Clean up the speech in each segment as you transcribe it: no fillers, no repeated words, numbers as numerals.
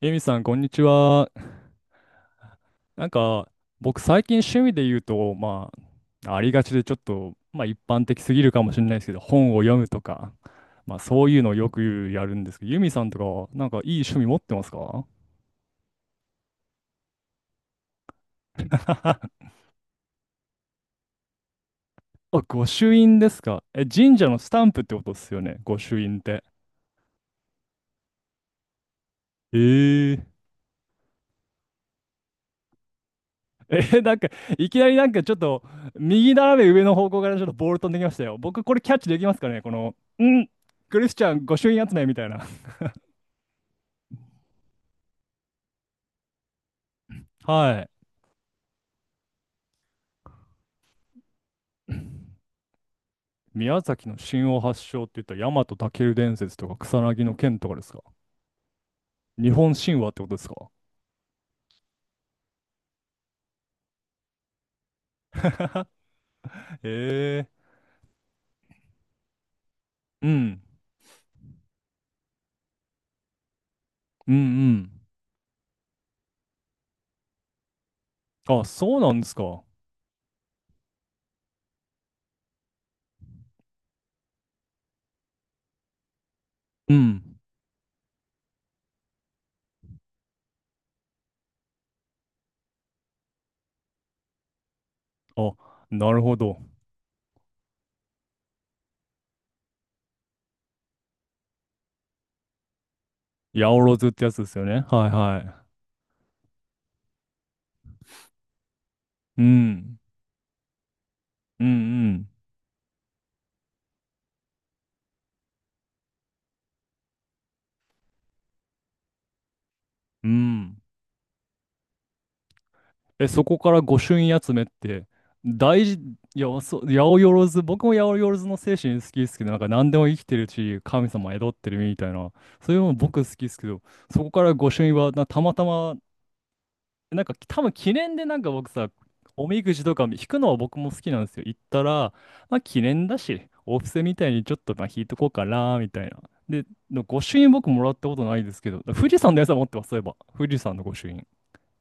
エミさん、こんにちは。なんか、僕、最近趣味で言うと、まあ、ありがちでちょっと、まあ、一般的すぎるかもしれないですけど、本を読むとか、まあ、そういうのをよくやるんですけど、ユミさんとかは、なんか、いい趣味持ってますか？ あ、御朱印ですか？え、神社のスタンプってことですよね、御朱印って。えー、え、なんか、いきなりなんかちょっと、右斜め上の方向からちょっとボール飛んできましたよ。僕、これキャッチできますかね？この、んクリスチャン御朱印集めみたいな。はい。宮崎の神話発祥って言ったら、大和武尊伝説とか草薙の剣とかですか？日本神話ってことですか？ ええ。うん。うんうん。あ、そうなんですか。うん。あ、なるほど。八百万ってやつですよね。はい。はい。うん。うんうん。うん。え、そこから御朱印集めって、大事、いや、そう、八百万、僕も八百万の精神好きですけど、なんか何でも生きてるし、神様宿ってるみたいな、そういうのも僕好きですけど、そこから御朱印はな、たまたま、なんか多分記念でなんか僕さ、おみくじとか引くのは僕も好きなんですよ。行ったら、まあ記念だし、お布施みたいにちょっとまあ引いとこうかな、みたいな。で、の御朱印僕もらったことないですけど、富士山のやつは持ってます、そういえば。富士山の御朱印。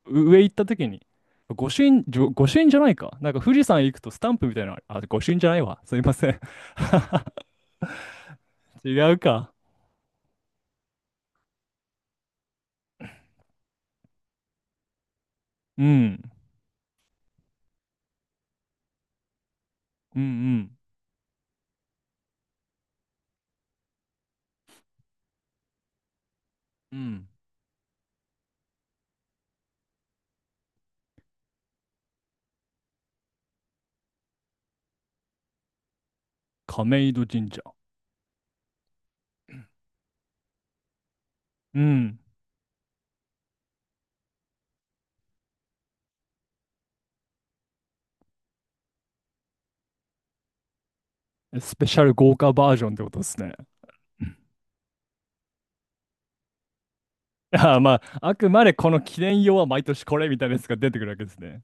上行った時に、御朱印、御朱印じゃないか。なんか富士山行くとスタンプみたいなのある、あ、御朱印じゃないわ。すいません。違うか。うん。うんうん。うん。亀戸神社。うん。スペシャル豪華バージョンってことですね。いや、まあ、あくまでこの記念用は毎年これみたいなやつが出てくるわけですね。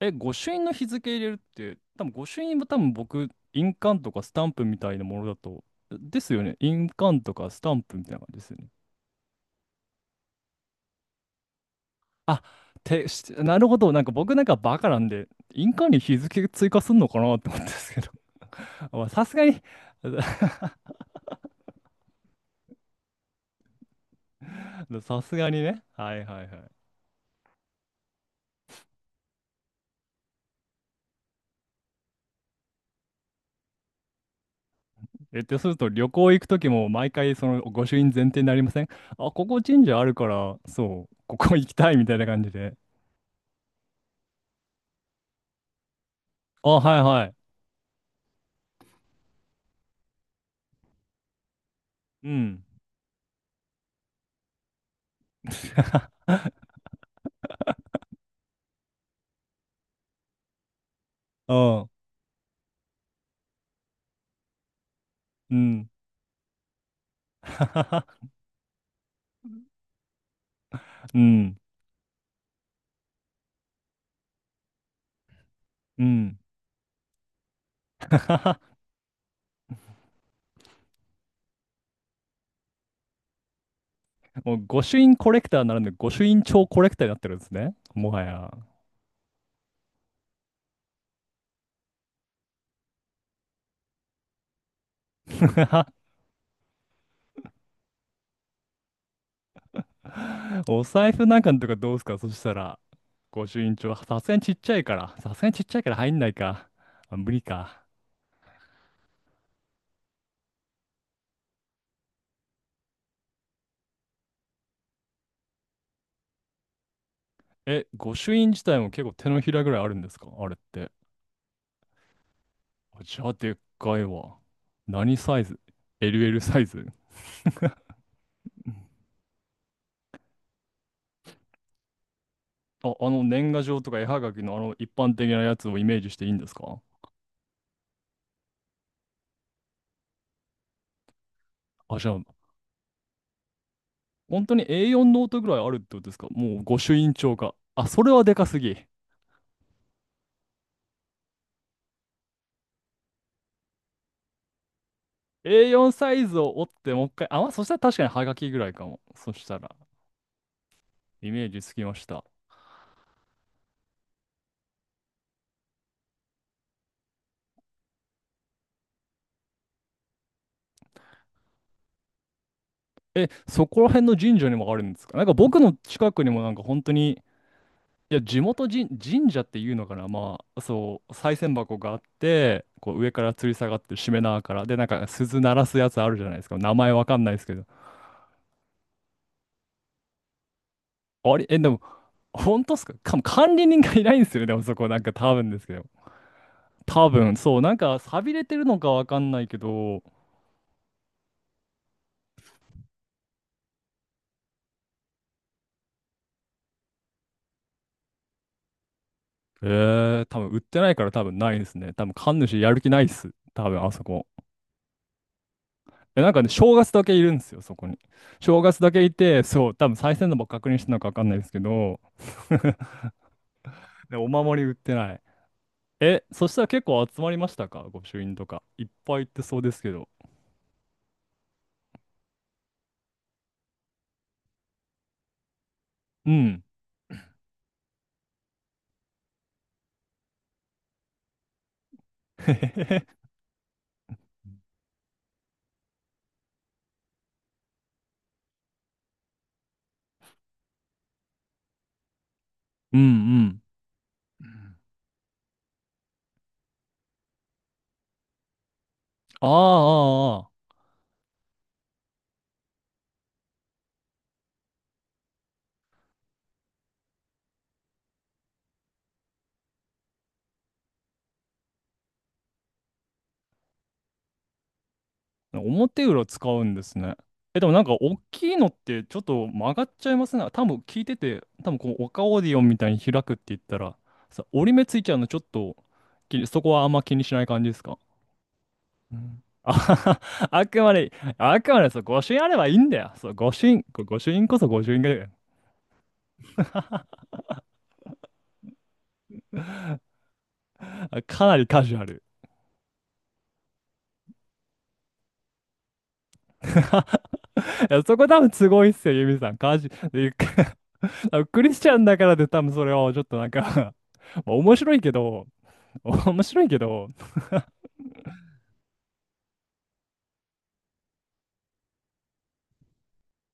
え、御朱印の日付入れるって、多分御朱印も多分僕、印鑑とかスタンプみたいなものだと、ですよね。印鑑とかスタンプみたいな感じですよね。あ、なるほど。なんか僕なんかバカなんで、印鑑に日付追加すんのかなって思ったんですけど。まあさすがに さすがにね。はいはいはい。え、ってすると旅行行くときも毎回その御朱印前提になりません？あ、ここ神社あるから、そう、ここ行きたいみたいな感じで。あ、はいはい。うん。うん。うん。うん。うん。もう御朱印コレクターならぬ御朱印帳コレクターになってるんですね。もはや。お財布なんかのとかどうすか？そしたら。御朱印帳。さすがにちっちゃいから。さすがにちっちゃいから入んないか。あ、無理か。え、御朱印自体も結構手のひらぐらいあるんですか？あれって。あ、じゃあでっかいわ。何サイズ？ LL サイズ？あ、あの年賀状とか絵はがきのあの一般的なやつをイメージしていいんですか？あ、じゃあ、本当に A4 ノートぐらいあるってことですか？もう御朱印帳か。あ、それはでかすぎ。A4 サイズを折ってもう一回、あ、まあそしたら確かにはがきぐらいかも。そしたら。イメージつきました。え、そこら辺の神社にもあるんですか？なんか僕の近くにもなんか本当に、いや、地元神、神社っていうのかな。まあ、そう、賽銭箱があって、こう上から吊り下がってるしめ縄から、で、なんか鈴鳴らすやつあるじゃないですか。名前わかんないですけど。あれ、え、でも、本当っすか。管理人がいないんですよね。でもそこなんか多分ですけど。多分、そう、なんか寂れてるのかわかんないけど、多分売ってないから多分ないですね。多分神主やる気ないっす。多分あそこ。なんかね、正月だけいるんですよ、そこに。正月だけいて、そう、多分賽銭のば確認してたのかわかんないですけど、で、お守り売ってない。え、そしたら結構集まりましたか？御朱印とか。いっぱい行ってそうですけど。うん。へへへうんうん。ああ、ああ、ああ。表裏使うんですね。え、でもなんか大きいのってちょっと曲がっちゃいますね。多分聞いてて、多分こう、オカオーディオンみたいに開くって言ったら、折り目ついちゃうのちょっとそこはあんま気にしない感じですか？うん。あ、あくまで、あくまでそう、御朱印あればいいんだよ。そう、御朱印、御朱印こそ御朱印がいいよ、あ、かなりカジュアル。いや、そこ多分すごいっすよ、ユミさん。カジュ、で 多分クリスチャンだからで多分それをちょっとなんか まあ面白いけど、面白いけど、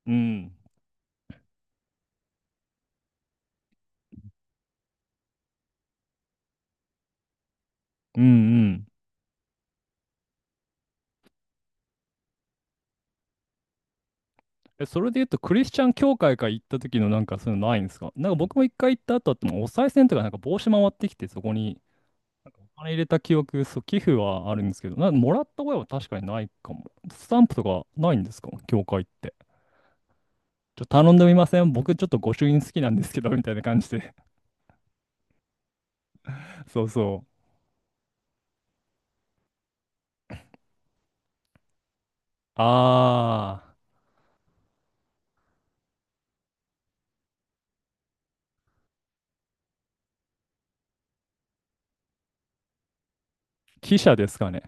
うん、うん、うん。え、それで言うと、クリスチャン教会から行った時のなんかそういうのないんですか？なんか僕も一回行った後って、お賽銭とかなんか帽子回ってきて、そこにあれ入れた記憶、そう、寄付はあるんですけど、もらった声は確かにないかも。スタンプとかないんですか？教会って。頼んでみません？僕ちょっと御朱印好きなんですけど、みたいな感じで。そうそう。あー、記者ですかね。